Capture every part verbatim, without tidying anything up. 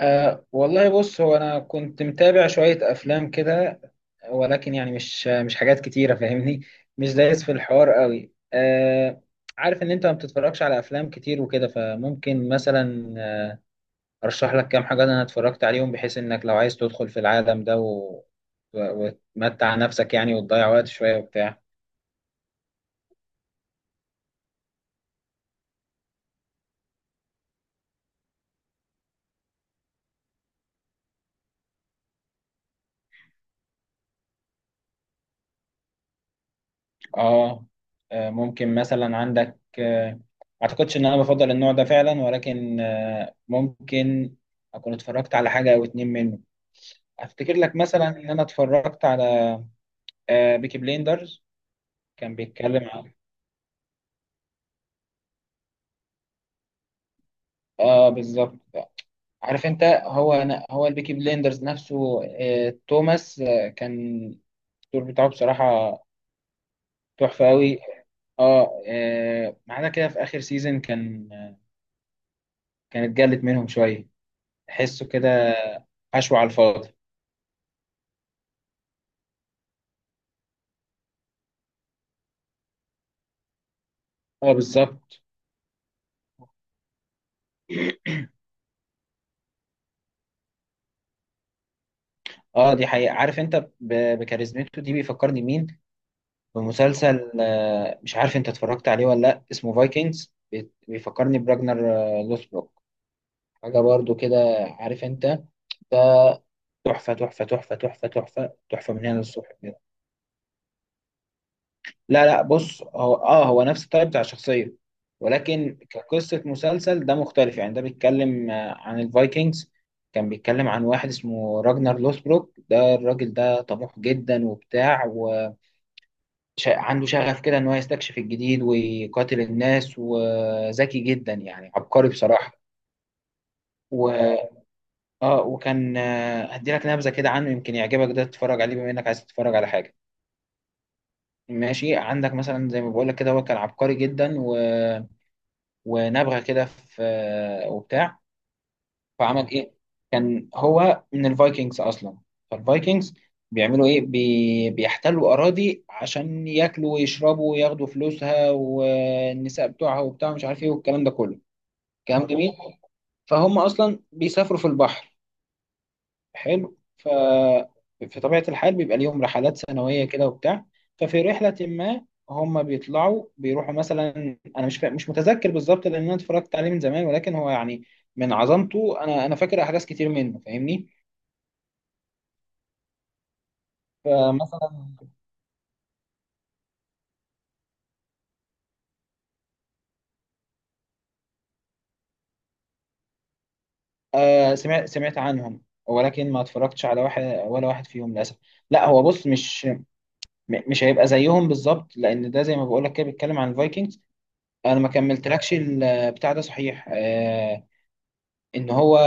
أه والله بص هو أنا كنت متابع شوية أفلام كده. ولكن يعني مش مش حاجات كتيرة فاهمني. مش دايس في الحوار قوي أه. عارف إن أنت ما بتتفرجش على أفلام كتير وكده فممكن مثلا آه، أرشح لك كام حاجة أنا اتفرجت عليهم بحيث إنك لو عايز تدخل في العالم ده و... و- وتمتع نفسك يعني وتضيع وقت شوية وبتاع. اه آه، ممكن مثلا عندك آه، ما اعتقدش ان انا بفضل النوع ده فعلا، ولكن آه، ممكن اكون اتفرجت على حاجه او اتنين منه. افتكر لك مثلا ان انا اتفرجت على آه، بيكي بليندرز. كان بيتكلم عن، اه بالظبط، عارف انت هو، أنا هو البيكي بليندرز نفسه آه، توماس، آه، كان الدور بتاعه بصراحه تحفه قوي. اه آه، ما عدا كده في اخر سيزون كان آه، كانت جلت منهم شويه، تحسه كده حشو على الفاضي. اه بالظبط. اه دي حقيقة. عارف انت ب- بكاريزمته دي بيفكرني مين؟ بمسلسل آه، مش عارف انت اتفرجت عليه ولا لا، اسمه فايكنجز. بيفكرني براجنر آه، لوسبروك. حاجة برضو كده عارف انت، تحفة تحفة تحفة تحفة تحفة تحفة من هنا للصبح كده. لا لا، بص، هو اه هو نفس الطيب بتاع الشخصية، ولكن كقصة مسلسل ده مختلف يعني. ده بيتكلم آه، عن الفايكنجز. كان بيتكلم عن واحد اسمه راجنر لوسبروك. ده الراجل ده طموح جدا وبتاع، ش- عنده شغف كده ان هو يستكشف الجديد ويقاتل الناس، وذكي جدا يعني عبقري بصراحة. و... اه وكان آه، هدي لك نبذة كده عنه يمكن يعجبك ده تتفرج عليه بما انك عايز تتفرج على حاجة ماشي عندك. مثلا زي ما بقول لك كده، هو كان عبقري جدا و... ونبغى كده في آه، وبتاع. فعمل ايه؟ كان هو من الفايكنجز اصلا. فالفايكنجز بيعملوا ايه؟ بي... بيحتلوا اراضي عشان ياكلوا ويشربوا وياخدوا فلوسها والنساء بتوعها وبتاع مش عارف ايه والكلام ده كله، كلام جميل. فهم اصلا بيسافروا في البحر، حلو. ف في طبيعة الحال بيبقى ليهم رحلات سنوية كده وبتاع. ففي رحلة ما هم بيطلعوا بيروحوا مثلا، انا مش فا... مش متذكر بالظبط لان انا اتفرجت عليه من زمان، ولكن هو يعني من عظمته انا انا فاكر احداث كتير منه فاهمني. فمثلا آه، سمعت سمعت عنهم، ولكن ما اتفرجتش على واحد ولا واحد فيهم للاسف. لا هو بص، مش م- مش هيبقى زيهم بالظبط، لان ده زي ما بقول لك كده بيتكلم عن الفايكنجز. انا ما كملتلكش البتاع ده صحيح، آه، ان هو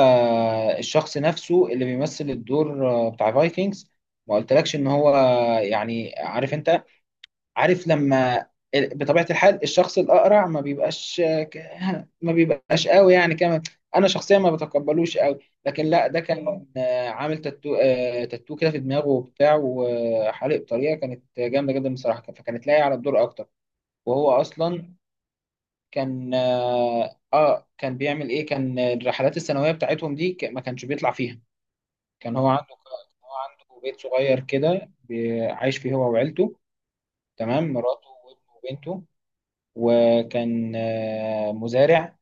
الشخص نفسه اللي بيمثل الدور آه، بتاع فايكنجز. ما قلتلكش ان هو يعني عارف انت، عارف لما ال- بطبيعة الحال الشخص الأقرع ما بيبقاش ك- ما بيبقاش قوي يعني كمان، أنا شخصيا ما بتقبلوش قوي. لكن لا ده كان آه، عامل تاتو، آه، تاتو كده في دماغه وبتاع، وحالق بطريقة كانت جامدة جدا بصراحة، فكانت لايقة على الدور أكتر. وهو أصلا كان آه آه، كان بيعمل إيه، كان الرحلات السنوية بتاعتهم دي ك- ما كانش بيطلع فيها. كان هو عنده هو عنده بيت صغير كده بي- عايش فيه هو وعيلته، تمام، مراته وابنه وبنته. وكان آه، مزارع.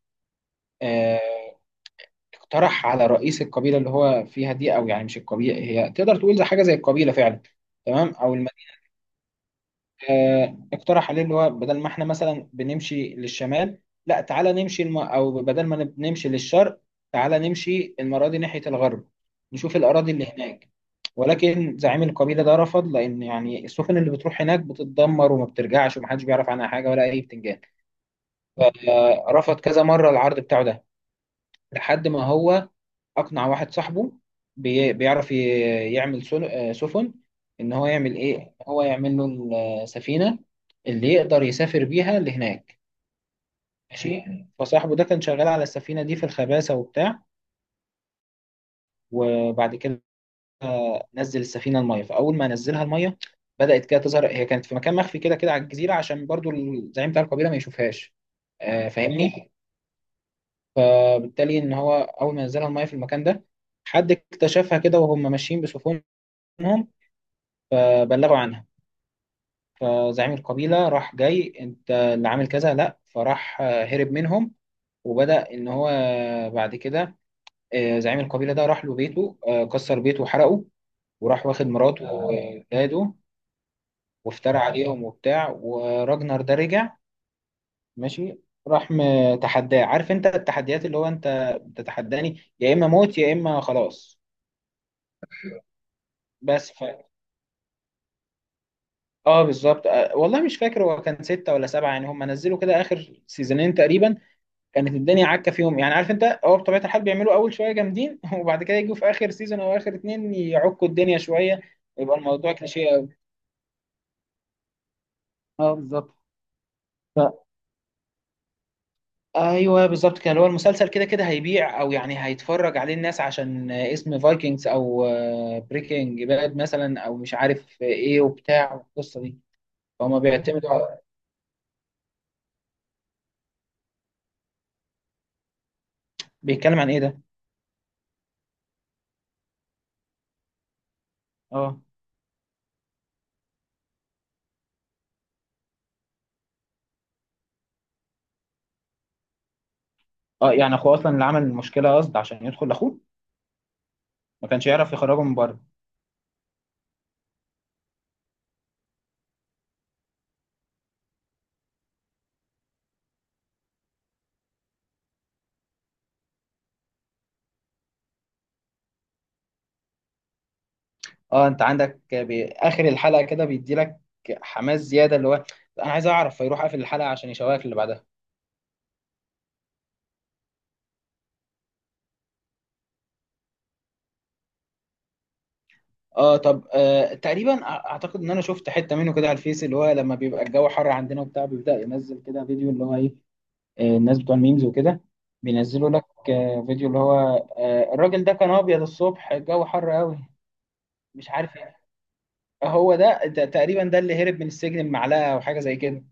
آه، اقترح على رئيس القبيلة اللي هو فيها دي، أو يعني مش القبيلة، هي تقدر تقول زي حاجة زي القبيلة فعلا، تمام، أو المدينة. آه، اقترح عليه اللي هو بدل ما احنا مثلا بنمشي للشمال، لا تعالى نمشي الم... أو بدل ما نمشي للشرق، تعالى نمشي المرة دي ناحية الغرب، نشوف الأراضي اللي هناك. ولكن زعيم القبيلة ده رفض، لأن يعني السفن اللي بتروح هناك بتتدمر وما بترجعش ومحدش بيعرف عنها حاجة ولا أي بتنجان. آه، رفض كذا مرة العرض بتاعه ده، لحد ما هو اقنع واحد صاحبه بي- بيعرف ي- يعمل سل- آه، سفن، ان هو يعمل ايه، إن هو يعمل له السفينه اللي يقدر يسافر بيها لهناك ماشي. فصاحبه ده كان شغال على السفينه دي في الخباسه وبتاع. وبعد كده نزل السفينه الميه. فاول ما نزلها الميه بدات كده تظهر. هي كانت في مكان مخفي كده كده على الجزيره عشان برضو الزعيم بتاع القبيله ما يشوفهاش آه، فاهمني. فبالتالي ان هو اول ما نزلها الميه في المكان ده، حد اكتشفها كده وهم ماشيين بسفن منهم، فبلغوا عنها. فزعيم القبيلة راح جاي، انت اللي عامل كذا، لا، فراح آه، هرب منهم. وبدأ ان هو آه، بعد كده، آه، زعيم القبيلة ده راح له بيته آه، كسر بيته وحرقه، وراح واخد مراته وولاده وافترى عليهم وبتاع. وراجنر ده رجع ماشي، راح متحداه، عارف انت التحديات اللي هو انت بتتحداني يا اما موت يا اما خلاص. بس ف... اه بالظبط. آه، والله مش فاكر هو كان ستة ولا سبعة، يعني هم نزلوا كده اخر سيزونين تقريبا كانت الدنيا عكه فيهم. يعني عارف انت، هو بطبيعه الحال بيعملوا اول شويه جامدين وبعد كده يجوا في اخر سيزون او اخر اتنين يعكوا الدنيا شويه، يبقى الموضوع كليشيه قوي. اه بالظبط. ف... ايوه بالظبط كده، اللي هو المسلسل كده كده هيبيع، او يعني هيتفرج عليه الناس عشان اسم فايكنجز، او بريكنج باد مثلا، او مش عارف ايه وبتاع والقصه دي. فهم بيعتمدوا على- بيتكلم عن ايه ده؟ اه، اه، يعني اخوه اصلا اللي عمل المشكله قصد عشان يدخل لاخوه، ما كانش يعرف يخرجه من بره. اه انت عندك بي- اخر الحلقه كده بيدي لك حماس زياده، اللي هو انا عايز اعرف، فيروح قافل الحلقه عشان يشوقك اللي بعدها. اه طب، آه تقريبا أع- اعتقد ان انا شفت حته منه كده على الفيس، اللي هو لما بيبقى الجو حر عندنا وبتاع بيبدا ينزل كده فيديو اللي هو ايه، آه، الناس بتوع الميمز وكده بينزلوا لك آه فيديو اللي هو آه الراجل ده كان ابيض الصبح الجو حر قوي مش عارف ايه. هو ده ده تقريبا ده اللي هرب من السجن بمعلقه او حاجه زي كده.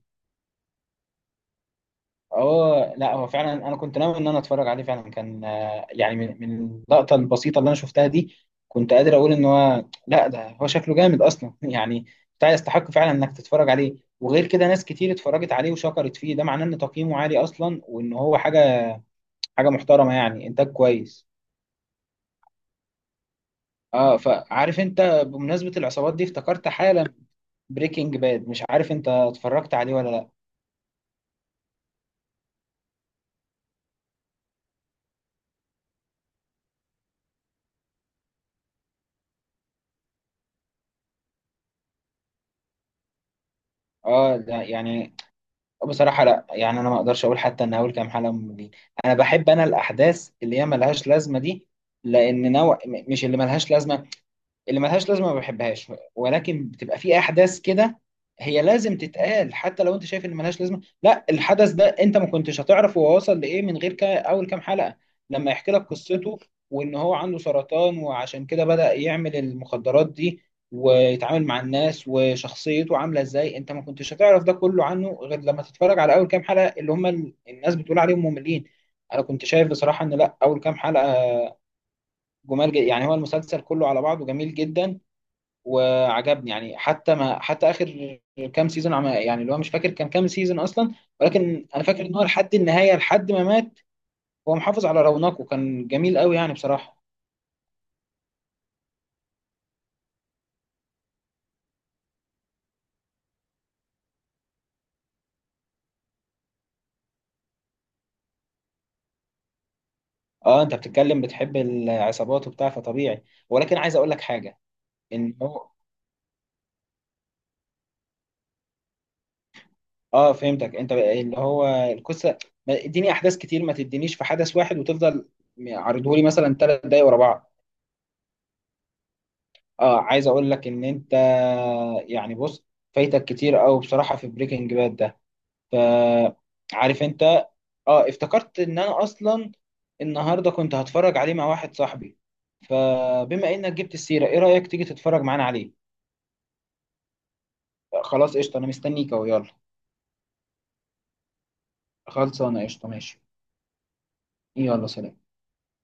اه لا هو فعلا انا كنت ناوي ان انا اتفرج عليه فعلا، كان آه، يعني من من اللقطه البسيطه اللي انا شفتها دي كنت قادر اقول ان هو لا ده هو شكله جامد اصلا يعني، بتاع يستحق فعلا انك تتفرج عليه. وغير كده ناس كتير اتفرجت عليه وشكرت فيه، ده معناه ان تقييمه عالي اصلا وان هو حاجه حاجه محترمه يعني، انتاج كويس. اه فعارف انت، بمناسبه العصابات دي افتكرت حالا بريكنج باد، مش عارف انت اتفرجت عليه ولا لا. اه ده يعني بصراحة لا، يعني أنا ما أقدرش أقول حتى إن أول كام حلقة مملين. أنا بحب، أنا الأحداث اللي هي ملهاش لازمة دي، لأن نوع م- مش اللي ملهاش لازمة، اللي ملهاش لازمه ما بحبهاش، ولكن بتبقى في احداث كده هي لازم تتقال، حتى لو انت شايف ان ملهاش لازمه. لا الحدث ده انت ما كنتش هتعرف هو وصل لايه من غير كا اول كام حلقه، لما يحكي لك قصته، وان هو عنده سرطان وعشان كده بدأ يعمل المخدرات دي ويتعامل مع الناس وشخصيته عامله ازاي. انت ما كنتش هتعرف ده كله عنه غير لما تتفرج على اول كام حلقه اللي هم ال- الناس بتقول عليهم مملين. انا كنت شايف بصراحه ان لا، اول كام حلقه جمال جدا. يعني هو المسلسل كله على بعضه جميل جدا وعجبني يعني، حتى ما حتى اخر كام سيزون، عم يعني اللي هو مش فاكر كان كام سيزون اصلا، ولكن انا فاكر ان هو لحد النهايه لحد ما مات هو محافظ على رونقه، كان جميل قوي يعني بصراحه. اه انت بتتكلم بتحب العصابات وبتاع، فطبيعي. ولكن عايز اقول لك حاجه، ان هو اه فهمتك انت بقى اللي هو القصه، ما- اديني احداث كتير، ما تدينيش في حدث واحد وتفضل عرضهولي مثلا ثلاث دقايق ورا بعض. اه عايز اقول لك ان انت يعني بص، فايتك كتير قوي بصراحه في بريكنج باد. فعارف انت، اه افتكرت ان انا اصلا النهارده كنت هتفرج عليه مع واحد صاحبي، فبما انك جبت السيره ايه رايك تيجي تتفرج معانا عليه؟ خلاص قشطه، انا مستنيك اهو، يلا. خلصانه قشطه ماشي. يلا سلام.